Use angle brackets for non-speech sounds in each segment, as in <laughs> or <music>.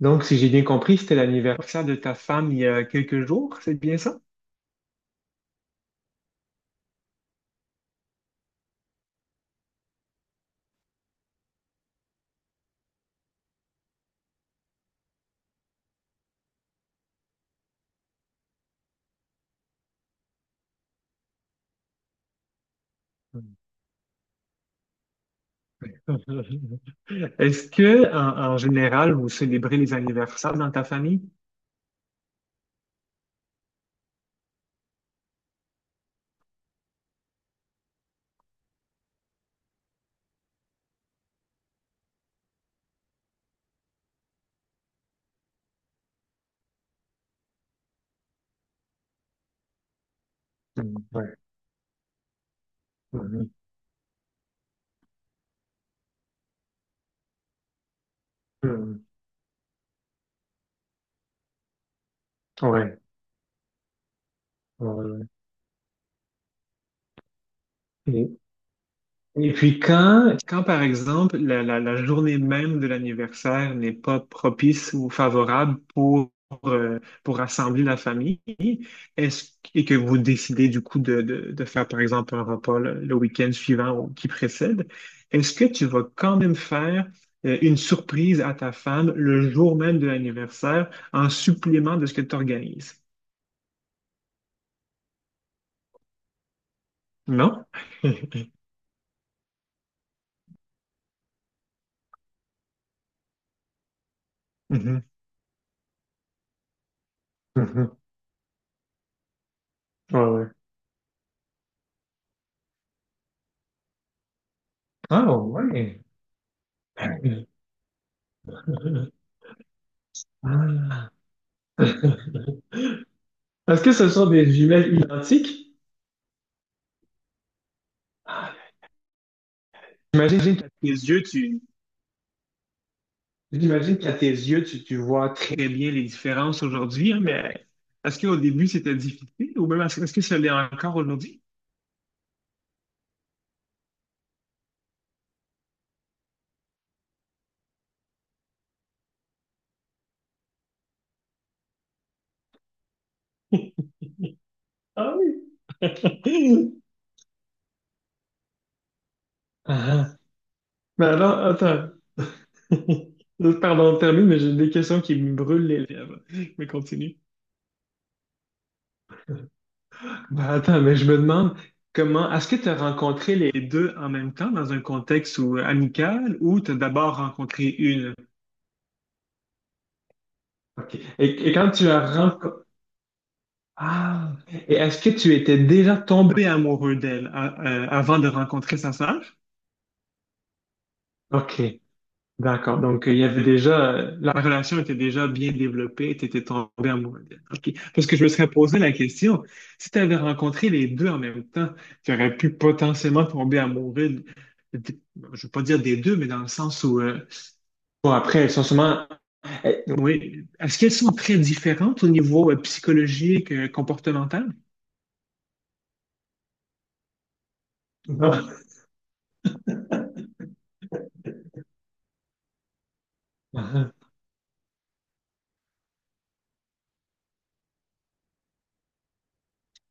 Donc, si j'ai bien compris, c'était l'anniversaire de ta femme il y a quelques jours, c'est bien ça? <laughs> Est-ce que, en général, vous célébrez les anniversaires dans ta famille? Mm, ouais. Mhm. Mm, ouais. Ouais, ouais. Et, Et puis quand par exemple, la journée même de l'anniversaire n'est pas propice ou favorable pour rassembler la famille, est-ce et que vous décidez du coup de faire par exemple un repas le week-end suivant ou qui précède, est-ce que tu vas quand même faire une surprise à ta femme le jour même de l'anniversaire en supplément de ce que tu organises? Non? <laughs> Mhm. Mhm. Ouais, ouais. Ah ouais. <laughs> Ah. Est-ce que ce sont des jumelles identiques? Ah, J'imagine qu'à tes yeux, tu, j'imagine qu'à tes yeux, tu vois très bien les différences aujourd'hui, hein, mais est-ce qu'au début, c'était difficile ou même est-ce que ça l'est encore aujourd'hui? <laughs> Ah oui! <laughs> Ah, ah. Mais alors, attends. <laughs> Pardon, termine, mais j'ai des questions qui me brûlent les lèvres. Mais continue. Bah, attends, mais je me demande comment est-ce que tu as rencontré les deux en même temps dans un contexte où- amical ou tu as d'abord rencontré une? OK. Et quand tu as rencontré. Ah! Et est-ce que tu étais déjà tombé amoureux d'elle avant de rencontrer sa sœur? OK. D'accord. Donc, il y avait déjà, la relation était déjà bien développée, tu étais tombé amoureux d'elle. OK. Parce que je me serais posé la question, si tu avais rencontré les deux en même temps, tu aurais pu potentiellement tomber amoureux, de- je veux pas dire des deux, mais dans le sens où, bon, après, elles sont sûrement, oui, est-ce qu'elles sont très différentes au niveau psychologique, comportemental? Non. Ah.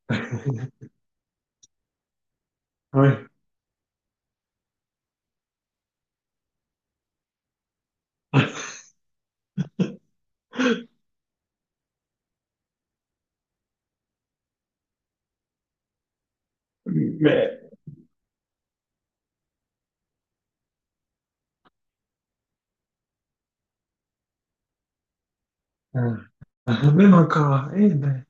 Ah. Oui. <laughs> Mais. Ah. Ah, même encore, eh ben.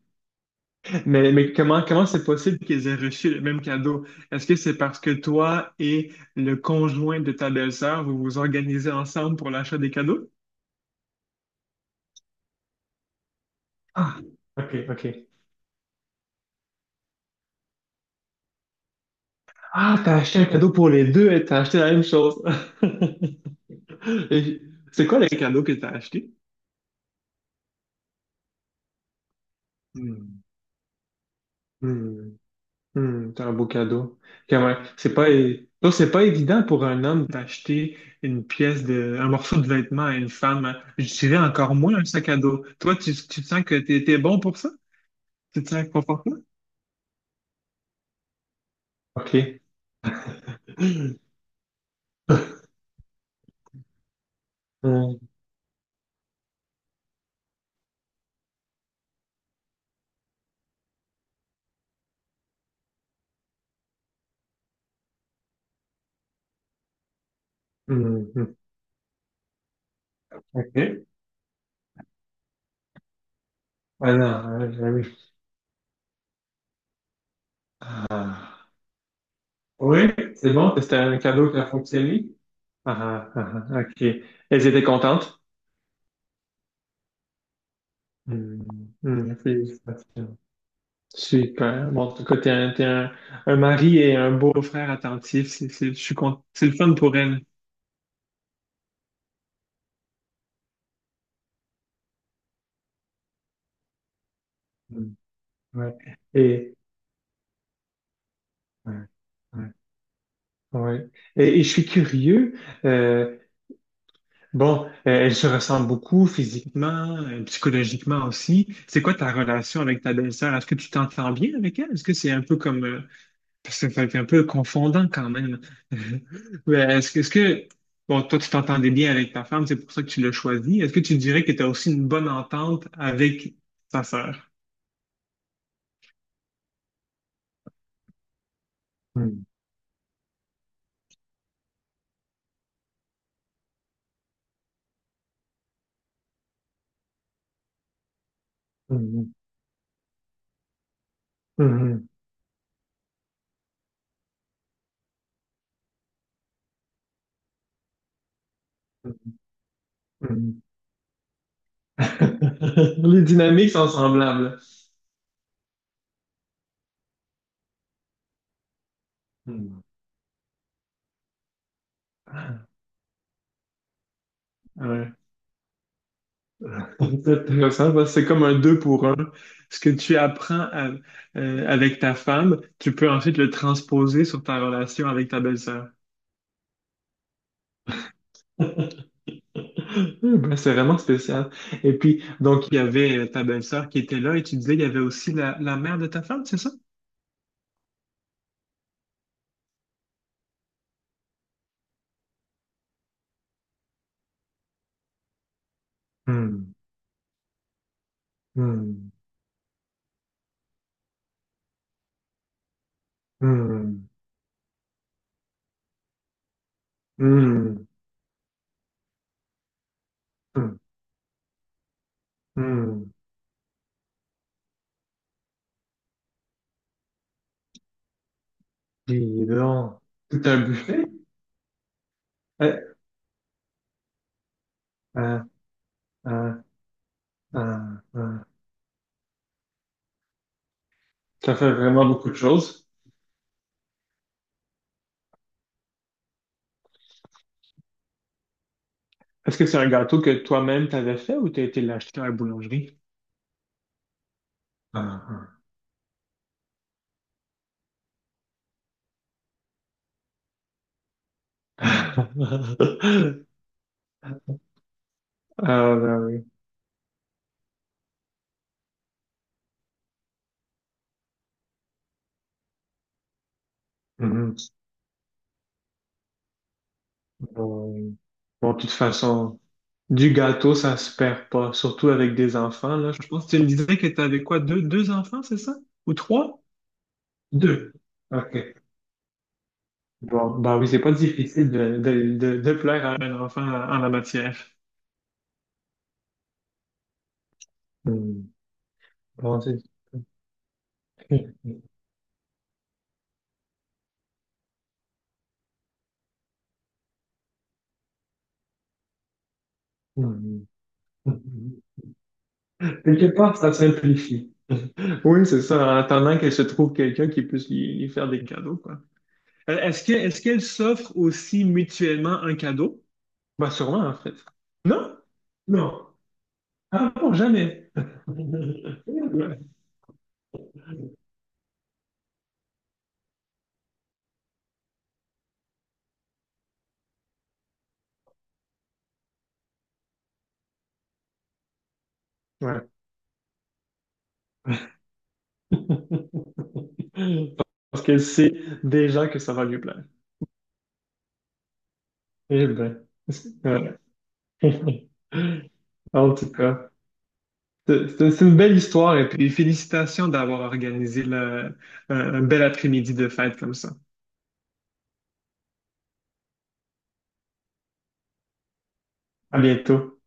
Mais, comment c'est possible qu'ils aient reçu le même cadeau? Est-ce que c'est parce que toi et le conjoint de ta belle-sœur, vous vous organisez ensemble pour l'achat des cadeaux? Ah, ok, ok. Ah, t'as acheté un cadeau pour les deux et t'as acheté la même chose. <laughs> Et c'est quoi les cadeaux que t'as acheté? Hmm. Hmm. Hmm, c'est un beau cadeau. Quand même, c'est pas, non, c'est pas évident pour un homme d'acheter une pièce de, un morceau de vêtement à une femme, hein. Je dirais encore moins un sac à dos. Toi, tu te sens que t'es bon pour ça? Tu te sens confortable? OK. Hmm, hmm, hmm. OK. Ah non, j'avais- ah. Oui, c'est bon, c'était un cadeau qui a fonctionné. Ah, ah, ah, OK. Elles étaient contentes? Hmm, hmm, félicitations. Super. Bon, en tout cas, t'es un mari et un beau-frère attentif. C'est, je suis cont- c'est le fun pour elle. Mm. Ouais, et, ouais, ouais, ouais. Et je suis curieux. euh, bon, elle se ressemble beaucoup physiquement, psychologiquement aussi. C'est quoi ta relation avec ta belle-sœur? Est-ce que tu t'entends bien avec elle? Est-ce que c'est un peu comme, parce que c'est un peu confondant quand même. <laughs> Mais est-ce que, bon, toi, tu t'entendais bien avec ta femme, c'est pour ça que tu l'as choisie. Est-ce que tu dirais que tu as aussi une bonne entente avec ta sœur? <laughs> Mhm, mhm, mhm, mhm, mhm. <laughs> Les dynamiques sont semblables. Mhm. Ouais. <laughs> C'est intéressant parce que c'est comme un deux pour un. Ce que tu apprends avec ta femme, tu peux ensuite le transposer sur ta relation avec ta belle-sœur. <laughs> Ben, c'est vraiment spécial. Et puis, donc, il y avait ta belle-sœur qui était là et tu disais qu'il y avait aussi la mère de ta femme, c'est ça? Hmm, hmm, hmm, hmm, hmm, hmm. Dis donc, tout un buffet? Euh, Hein, hein, hein, hein. Ça fait vraiment beaucoup de choses. Est-ce que c'est un gâteau que toi-même t'avais fait ou t'as été l'acheter à la boulangerie? Ah, ah. <laughs> Ah, ben oui. Mhm. Bon, Bon, de toute façon. Du gâteau, ça se perd pas, surtout avec des enfants, là. Je pense que tu me disais que tu avais quoi, deux enfants, c'est ça? Ou trois? Deux. OK. Bon, bah oui, c'est pas difficile de plaire à un enfant en la matière. Hmm. Bon, c'est. <laughs> Hmm. Quelque part, ça simplifie. <laughs> Oui, c'est ça, en attendant qu'elle se trouve quelqu'un qui puisse lui faire des cadeaux, quoi. Est-ce qu'elles s'offrent aussi mutuellement un cadeau? Bah, sûrement, en fait. Non? Non. Ah non, jamais. <laughs> Ouais. <laughs> Parce qu'elle sait déjà que ça va lui plaire. Eh ben, ouais. <laughs> En tout cas, c'est une belle histoire et puis félicitations d'avoir organisé un bel après-midi de fête comme ça. À bientôt.